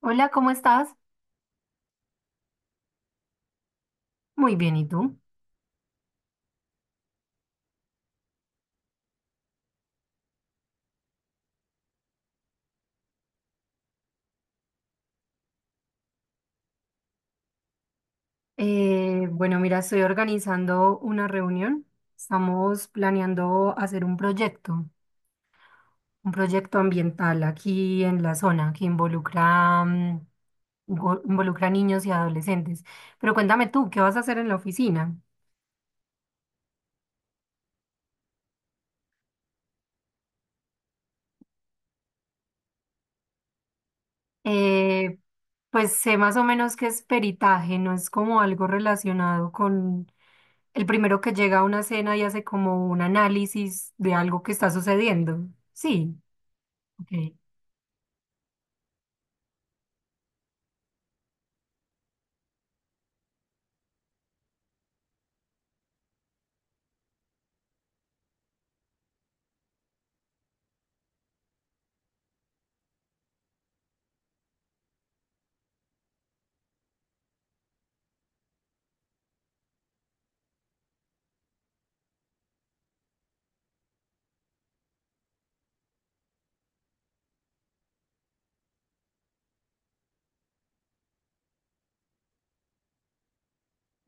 Hola, ¿cómo estás? Muy bien, ¿y tú? Bueno, mira, estoy organizando una reunión. Estamos planeando hacer un proyecto ambiental aquí en la zona que involucra niños y adolescentes. Pero cuéntame tú, ¿qué vas a hacer en la oficina? Eh, pues sé más o menos que es peritaje, no es como algo relacionado con el primero que llega a una cena y hace como un análisis de algo que está sucediendo. Sí. Ok.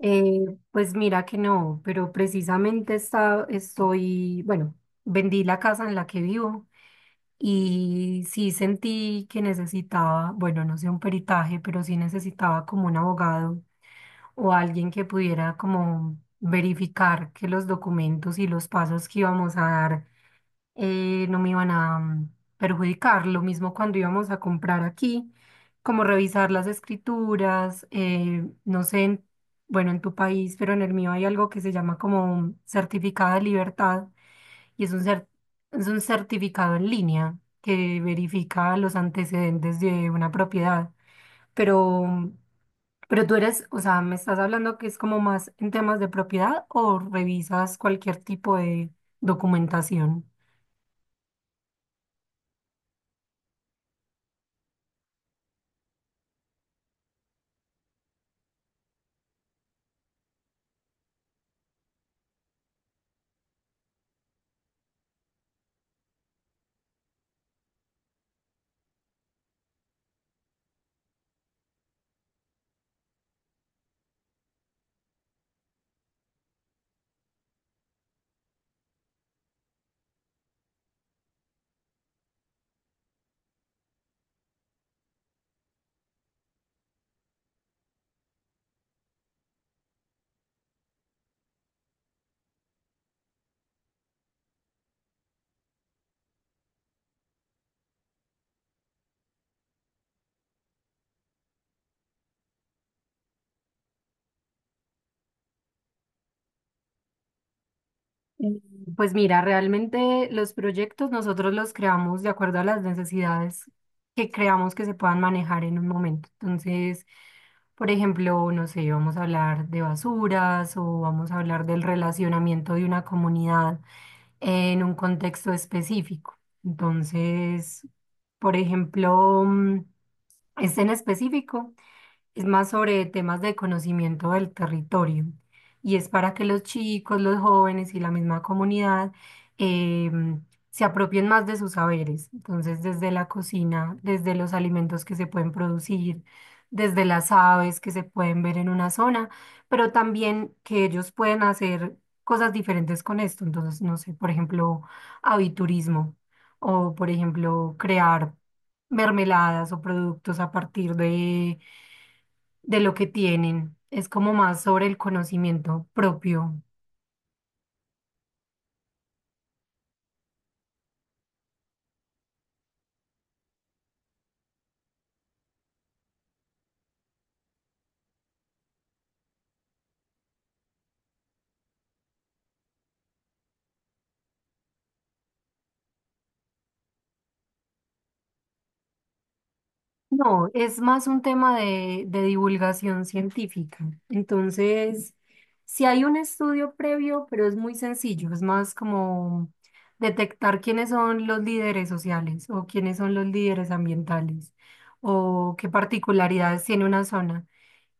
Eh, pues mira que no, pero estoy, bueno, vendí la casa en la que vivo y sí sentí que necesitaba, bueno, no sé, un peritaje, pero sí necesitaba como un abogado o alguien que pudiera como verificar que los documentos y los pasos que íbamos a dar no me iban a perjudicar. Lo mismo cuando íbamos a comprar aquí, como revisar las escrituras, no sé, bueno, en tu país, pero en el mío hay algo que se llama como certificado de libertad y es es un certificado en línea que verifica los antecedentes de una propiedad. Pero, mm, pero tú eres, o sea, me estás hablando que es como más en temas de propiedad o revisas cualquier tipo de documentación. Mm, Pues mira, realmente los proyectos nosotros los creamos de acuerdo a las necesidades que creamos que se puedan manejar en un momento. Entonces, por ejemplo, no sé, vamos a hablar de basuras o vamos a hablar del relacionamiento de una comunidad en un contexto específico. Entonces, por ejemplo, este en específico es más sobre temas de conocimiento del territorio y es para que los chicos, los jóvenes y la misma comunidad em, se apropien más de sus saberes. Entonces, desde la cocina, desde los alimentos que se pueden producir, desde las aves que se pueden ver en una zona, pero también que ellos pueden hacer cosas diferentes con esto. Entonces, no sé, por ejemplo, aviturismo. O, por ejemplo, crear mermeladas o productos a partir de lo que tienen. Es como más sobre el conocimiento propio. No, es más un tema de divulgación científica. Entonces, si hay un estudio previo, pero es muy sencillo, es más como detectar quiénes son los líderes sociales o quiénes son los líderes ambientales o qué particularidades tiene una zona.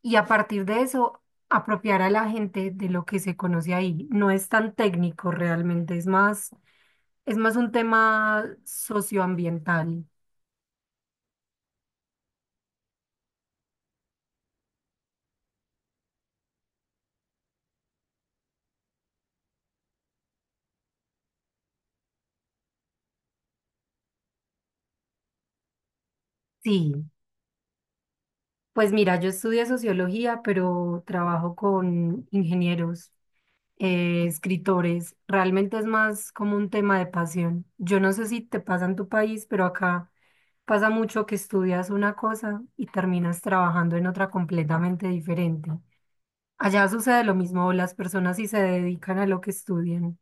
Y a partir de eso apropiar a la gente de lo que se conoce ahí. No es tan técnico realmente, es más un tema socioambiental. Sí, pues mira, yo estudié sociología, pero trabajo con ingenieros, escritores. Realmente es más como un tema de pasión. Yo no sé si te pasa en tu país, pero acá pasa mucho que estudias una cosa y terminas trabajando en otra completamente diferente. Allá sucede lo mismo, las personas sí se dedican a lo que estudian.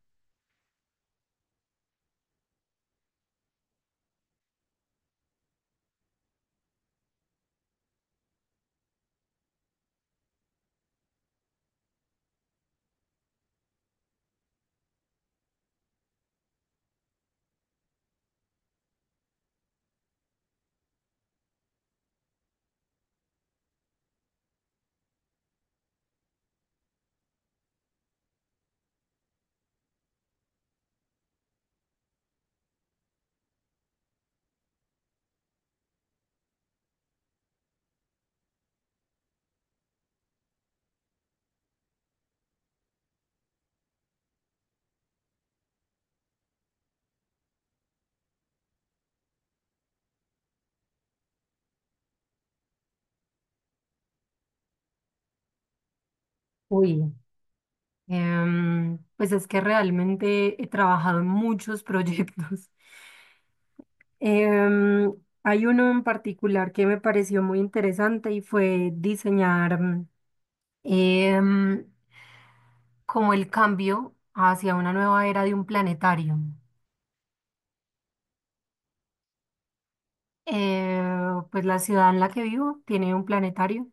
Uy, pues es que realmente he trabajado en muchos proyectos. Em, Hay uno en particular que me pareció muy interesante y fue diseñar em, como el cambio hacia una nueva era de un planetario. Eh, pues la ciudad en la que vivo tiene un planetario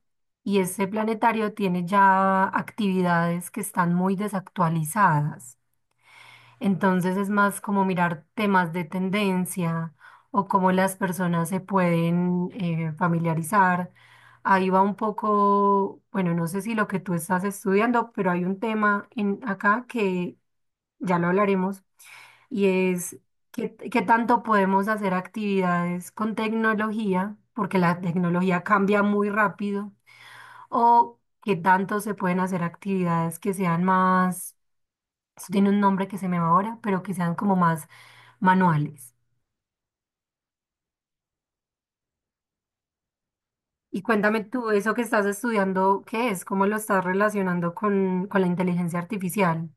y ese planetario tiene ya actividades que están muy desactualizadas. Entonces es más como mirar temas de tendencia o cómo las personas se pueden familiarizar. Ahí va un poco, bueno, no sé si lo que tú estás estudiando, pero hay un tema en acá que ya lo hablaremos y es qué, qué tanto podemos hacer actividades con tecnología, porque la tecnología cambia muy rápido, o qué tanto se pueden hacer actividades que sean más, eso tiene un nombre que se me va ahora, pero que sean como más manuales. Y cuéntame tú, eso que estás estudiando, ¿qué es? ¿Cómo lo estás relacionando con la inteligencia artificial?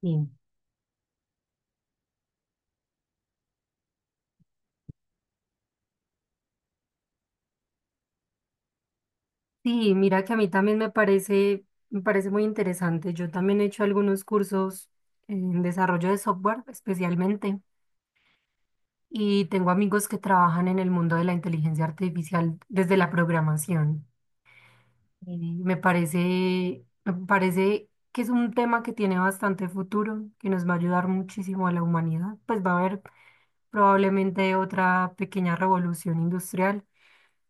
Sí. Sí, mira que a mí también me parece muy interesante. Yo también he hecho algunos cursos en desarrollo de software especialmente y tengo amigos que trabajan en el mundo de la inteligencia artificial desde la programación. Y me parece que es un tema que tiene bastante futuro, que nos va a ayudar muchísimo a la humanidad. Pues va a haber probablemente otra pequeña revolución industrial,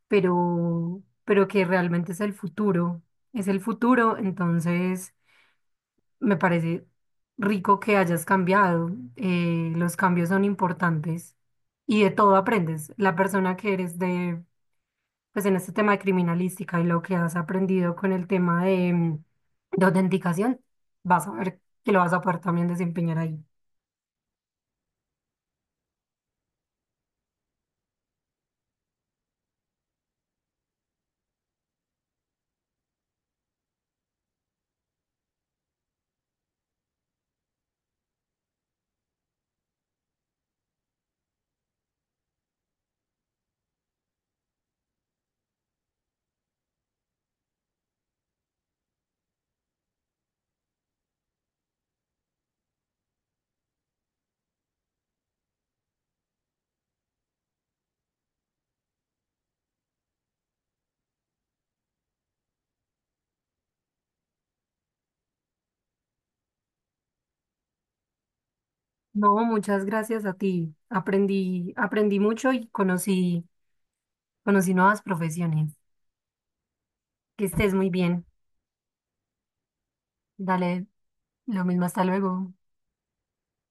pero que realmente es el futuro. Es el futuro, entonces me parece rico que hayas cambiado, los cambios son importantes y de todo aprendes. La persona que eres de, pues en este tema de criminalística y lo que has aprendido con el tema de autenticación, vas a ver que lo vas a poder también desempeñar ahí. No, muchas gracias a ti. Aprendí, aprendí mucho y conocí, conocí nuevas profesiones. Que estés muy bien. Dale, lo mismo, hasta luego.